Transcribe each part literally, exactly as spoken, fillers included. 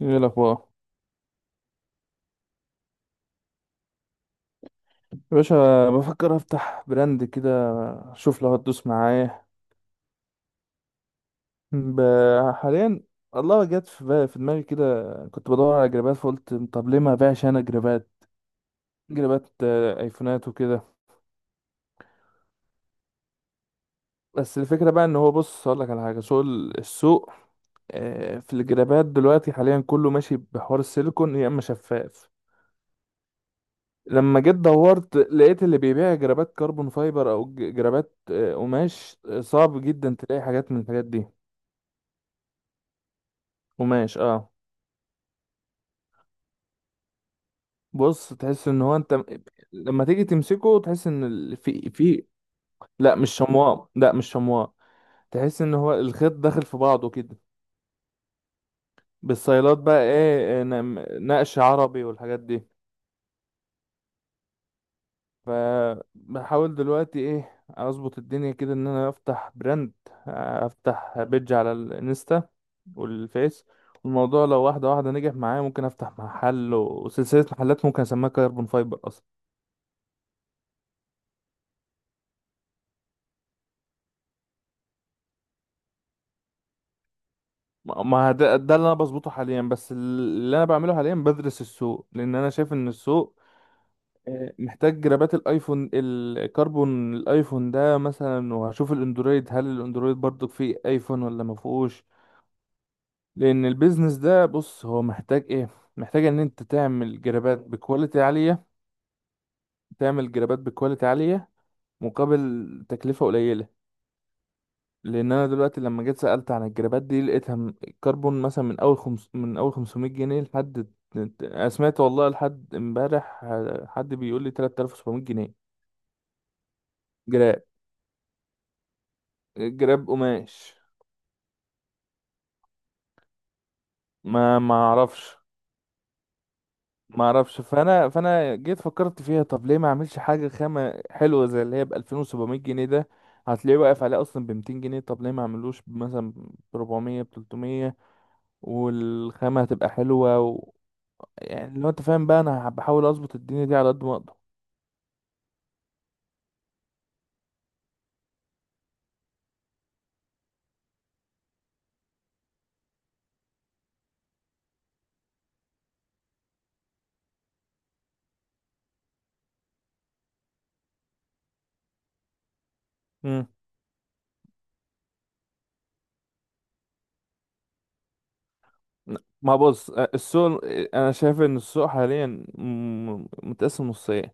ايه الاخبار؟ يا باشا، بفكر افتح براند كده. اشوف لو هتدوس معايا. ب- حاليا. الله، جت في بالي- في دماغي كده. كنت بدور على جرابات، فقلت طب ليه ما ابيعش انا جرابات. جرابات، آه، ايفونات وكده. بس الفكره بقى، ان هو، بص اقول لك على حاجه، سوق ال- السوق. آه، في الجرابات دلوقتي حاليا كله ماشي بحوار السيليكون، يا اما شفاف. لما جيت دورت لقيت اللي بيبيع جرابات كربون فايبر او ج- جرابات آه، قماش، آه، صعب جدا تلاقي حاجات من الحاجات دي. قماش، اه. بص، تحس ان هو انت لما تيجي تمسكه تحس ان ال- في في. لا مش شمواء، لا مش شمواء. تحس ان هو الخيط داخل في بعضه كده. بالصيلات بقى ايه، آه، نم- نقش عربي والحاجات دي. فبحاول دلوقتي ايه اظبط الدنيا كده ان انا افتح براند، افتح بيدج على الانستا والفيس. والموضوع لو واحدة واحدة نجح معايا ممكن افتح محل وسلسلة محلات، ممكن اسميها كاربون فايبر. ما ما ده, ده اللي انا بظبطه حاليا. بس اللي انا بعمله حاليا بدرس السوق، لان انا شايف ان السوق، آه، محتاج جرابات الايفون، الكربون الايفون ده مثلا. وهشوف الاندرويد، هل الاندرويد برضو فيه ايفون ولا ما فيهوش. لان البيزنس ده، بص، هو محتاج ايه؟ محتاج ان انت تعمل جرابات بكواليتي عالية. تعمل جرابات بكواليتي عالية مقابل تكلفة قليلة. لان انا دلوقتي لما جيت سالت عن الجرابات دي لقيتها م- الكربون مثلا، من اول خمس من اول خمسمائة جنيه لحد. انا سمعت والله لحد امبارح، آه، حد بيقول لي ثلاثة آلاف وسبعمائة جنيه. جراب. جراب قماش. ما ما اعرفش. ما اعرفش. فانا فانا جيت فكرت فيها، طب ليه ما اعملش حاجه خامه حلوه زي اللي هي ب ألفين وسبعمائة جنيه ده. هتلاقيه واقف عليه اصلا ب ميتين جنيه، طب ليه ما اعملوش مثلا ب اربعمية، ب تلتمية والخامه هتبقى حلوه. يعني لو انت فاهم بقى، انا بحاول اظبط الدنيا دي على قد ما اقدر. امم. ما بص، السوق، انا شايف ان السوق حاليا م- متقسم نصين.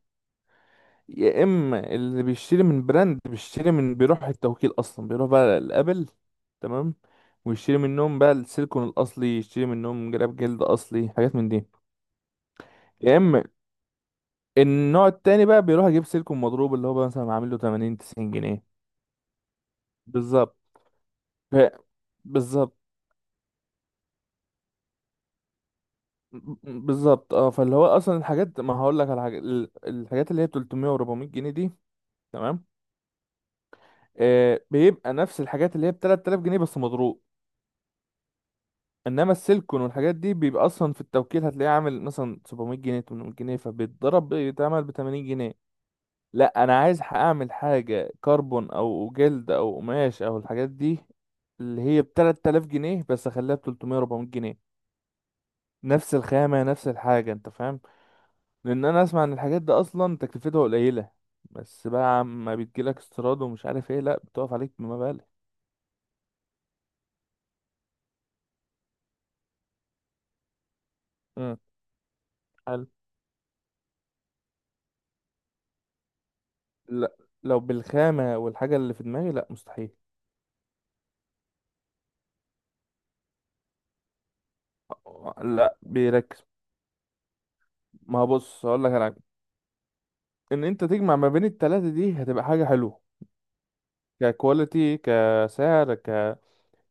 يا اما اللي بيشتري من براند بيشتري من، بيروح التوكيل اصلا، بيروح بقى لابل، تمام، ويشتري منهم بقى السيليكون الاصلي، يشتري منهم جراب جلد اصلي، حاجات من دي. يا اما النوع التاني بقى بيروح يجيب سيليكون مضروب، اللي هو بقى مثلا عامل له تمانين تسعين جنيه. بالظبط. ف- بالظبط. بالظبط، اه، فاللي هو اصلا الحاجات، ما هقول لك على حاجه، ال- الحاجات اللي هي تلتمية و400 جنيه دي، تمام، آه، بيبقى نفس الحاجات اللي هي ب ثلاثة آلاف جنيه بس مضروب. انما السيلكون والحاجات دي بيبقى اصلا في التوكيل هتلاقيه عامل مثلا سبعمية جنيه ثمانمائة جنيه، فبيتضرب بيتعمل ب تمانين جنيه. لا انا عايز اعمل حاجه كربون او جلد او قماش او الحاجات دي اللي هي ب تلات تلاف جنيه بس اخليها ب ثلاثمائة أربعمائة جنيه. نفس الخامه، نفس الحاجه، انت فاهم. لان انا اسمع ان الحاجات دي اصلا تكلفتها قليله، بس بقى عم بتجيلك استيراد ومش عارف ايه، لا بتقف عليك بمبالغ. امم. حلو. لا لو بالخامه والحاجه اللي في دماغي، لا مستحيل. لا بيركز. ما هو بص، هقول لك على حاجه، ان انت تجمع ما بين التلاته دي هتبقى حاجه حلوه. ككواليتي، كسعر، ك...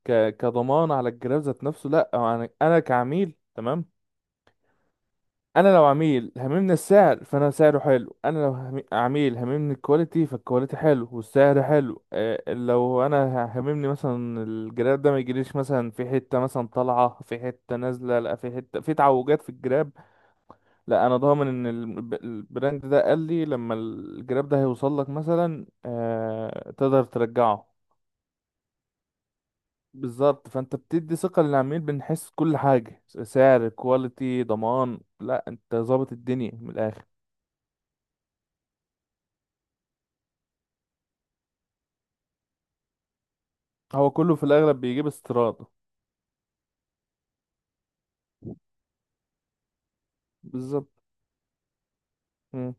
ك كضمان على الجهاز ذات نفسه. لا، أو انا انا كعميل، تمام. انا لو عميل هممني السعر، فانا سعره حلو. انا لو هم- عميل هممني الكواليتي، فالكواليتي حلو والسعر حلو. آه، لو انا هممني مثلا الجراب ده ما يجيليش مثلا في حتة مثلا طالعة، في حتة نازلة، لا في حتة، في تعوجات في الجراب. لا انا ضامن ان الب- البراند ده قال لي لما الجراب ده هيوصل لك مثلا، آه، تقدر ترجعه. بالظبط، فانت بتدي ثقة للعميل، بنحس كل حاجة، سعر كواليتي ضمان، لا انت ظابط الدنيا من الاخر. هو كله في الأغلب بيجيب استيراد. بالظبط. مم.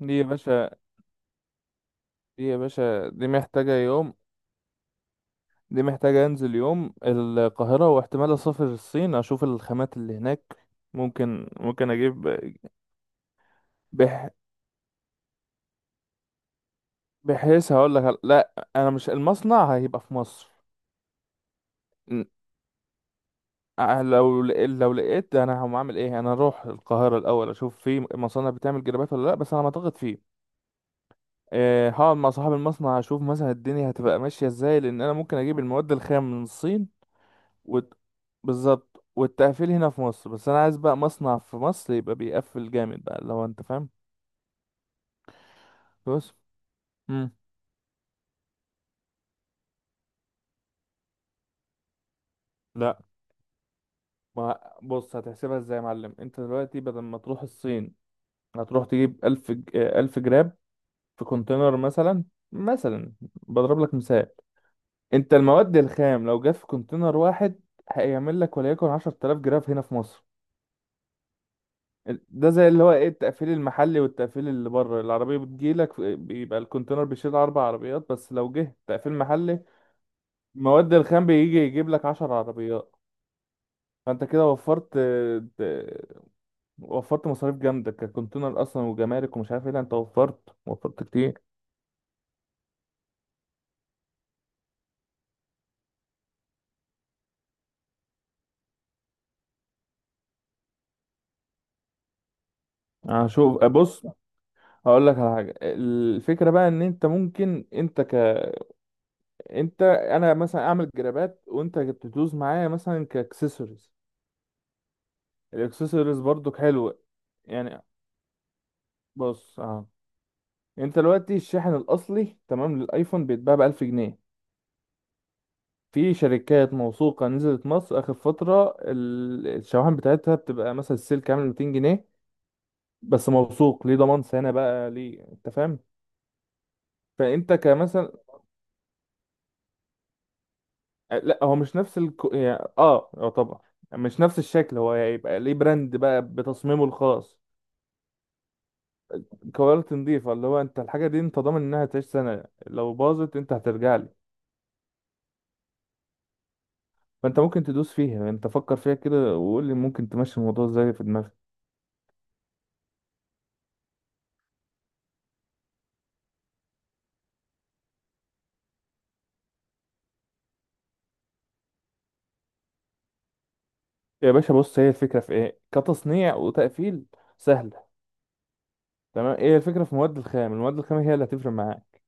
دي يا باشا. دي يا باشا، دي محتاجة يوم. دي محتاجة أنزل يوم القاهرة، واحتمال أسافر الصين أشوف الخامات اللي هناك. ممكن ممكن أجيب. بح... بحيث هقول لك، لا، أنا مش، المصنع هيبقى في مصر. ن- أه، لو لق- لو لقيت، أنا هقوم أعمل إيه؟ أنا أروح القاهرة الأول أشوف في مصانع بتعمل جرابات ولا لأ، بس أنا ما أعتقد فيه. آه، هقعد مع صاحب المصنع اشوف مثلا الدنيا هتبقى ماشيه ازاي، لان انا ممكن اجيب المواد الخام من الصين. وت... بالظبط، والتقفيل هنا في مصر، بس انا عايز بقى مصنع في مصر يبقى بيقفل جامد بقى، لو انت فاهم. بص. امم. لا، ما بص، هتحسبها ازاي يا معلم؟ انت دلوقتي بدل ما تروح الصين هتروح تجيب الف ج- آه، الف جرام في كونتينر مثلا. مثلا، بضرب لك مثال. انت المواد الخام لو جت في كونتينر واحد هيعمل لك وليكن عشر تلاف جرام هنا في مصر. ده زي اللي هو ايه، التقفيل المحلي والتقفيل اللي بره، العربية بتجيلك في- بيبقى الكونتينر بيشيل اربع عربيات بس، لو جه تقفيل محلي. مواد الخام بيجي يجيب لك عشر عربيات. فانت كده وفرت، ت- وفرت مصاريف جامدة ككونتينر اصلا، وجمارك ومش عارف ايه، لا انت وفرت وفرت كتير. هشوف. بص، هقول لك على حاجة، الفكرة بقى ان انت ممكن انت. ك انت انا مثلا اعمل جرابات وانت تدوس معايا مثلا كاكسسوارز. الاكسسوارز برضو حلوة. يعني بص، اه، انت دلوقتي الشاحن الاصلي تمام للايفون بيتباع ب الف جنيه. في شركات موثوقه نزلت مصر اخر فتره ال- الشواحن بتاعتها بتبقى مثلا السيل كامل ميتين جنيه. بس موثوق، ليه ضمان سنه، بقى ليه انت فاهم. فانت كمثلا، آه، لا هو مش نفس الكو... يعني، اه اه، طبعا مش نفس الشكل، هو هيبقى ليه براند بقى بتصميمه الخاص. كواليتي نضيفه، اللي هو انت الحاجه دي انت ضامن انها تعيش سنه، لو باظت انت هترجع. فانت ممكن تدوس فيها يعني، انت فكر فيها كده وقول لي ممكن تمشي الموضوع ازاي في دماغك. يا باشا، بص، هي الفكره في ايه؟ كتصنيع وتقفيل، سهله. تمام، ايه الفكره في مواد الخام؟ المواد الخام هي اللي هتفرق معاك.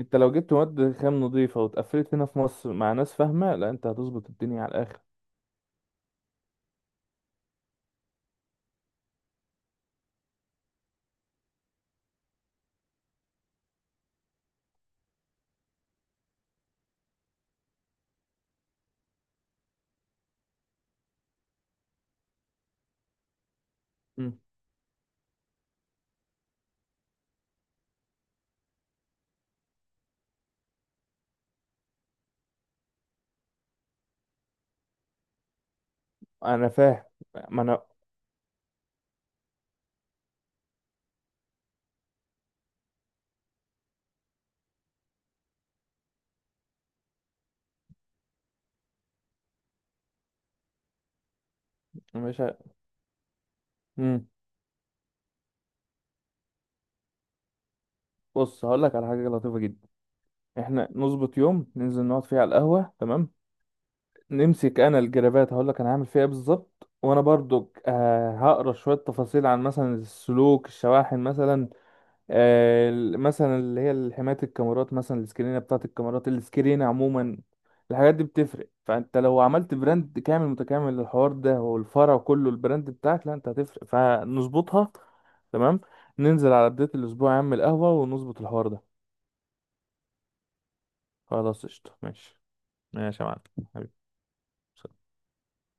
انت لو جبت مواد خام نظيفه واتقفلت هنا في مصر مع ناس فاهمه، لا انت هتظبط الدنيا على الاخر. مم. انا فاهم. ما انا. مش ه- مم. بص، هقول لك على حاجه لطيفه جدا. احنا نظبط يوم ننزل نقعد فيه على القهوه، تمام، نمسك انا الجرابات هقول لك انا هعمل فيها ايه بالظبط. وانا برضو آه، هقرا شويه تفاصيل عن مثلا السلوك، الشواحن مثلا. آه، ال- مثلا اللي هي حمايه الكاميرات، مثلا السكرينه بتاعه الكاميرات، السكرينه عموما. الحاجات دي بتفرق، فانت لو عملت براند كامل متكامل للحوار ده والفرع كله البراند بتاعك، لا انت هتفرق، فنظبطها. تمام. ننزل على بدايه الاسبوع يا عم القهوه ونظبط الحوار ده. خلاص قشطه، ماشي. ماشي يا معلم، حبيبي.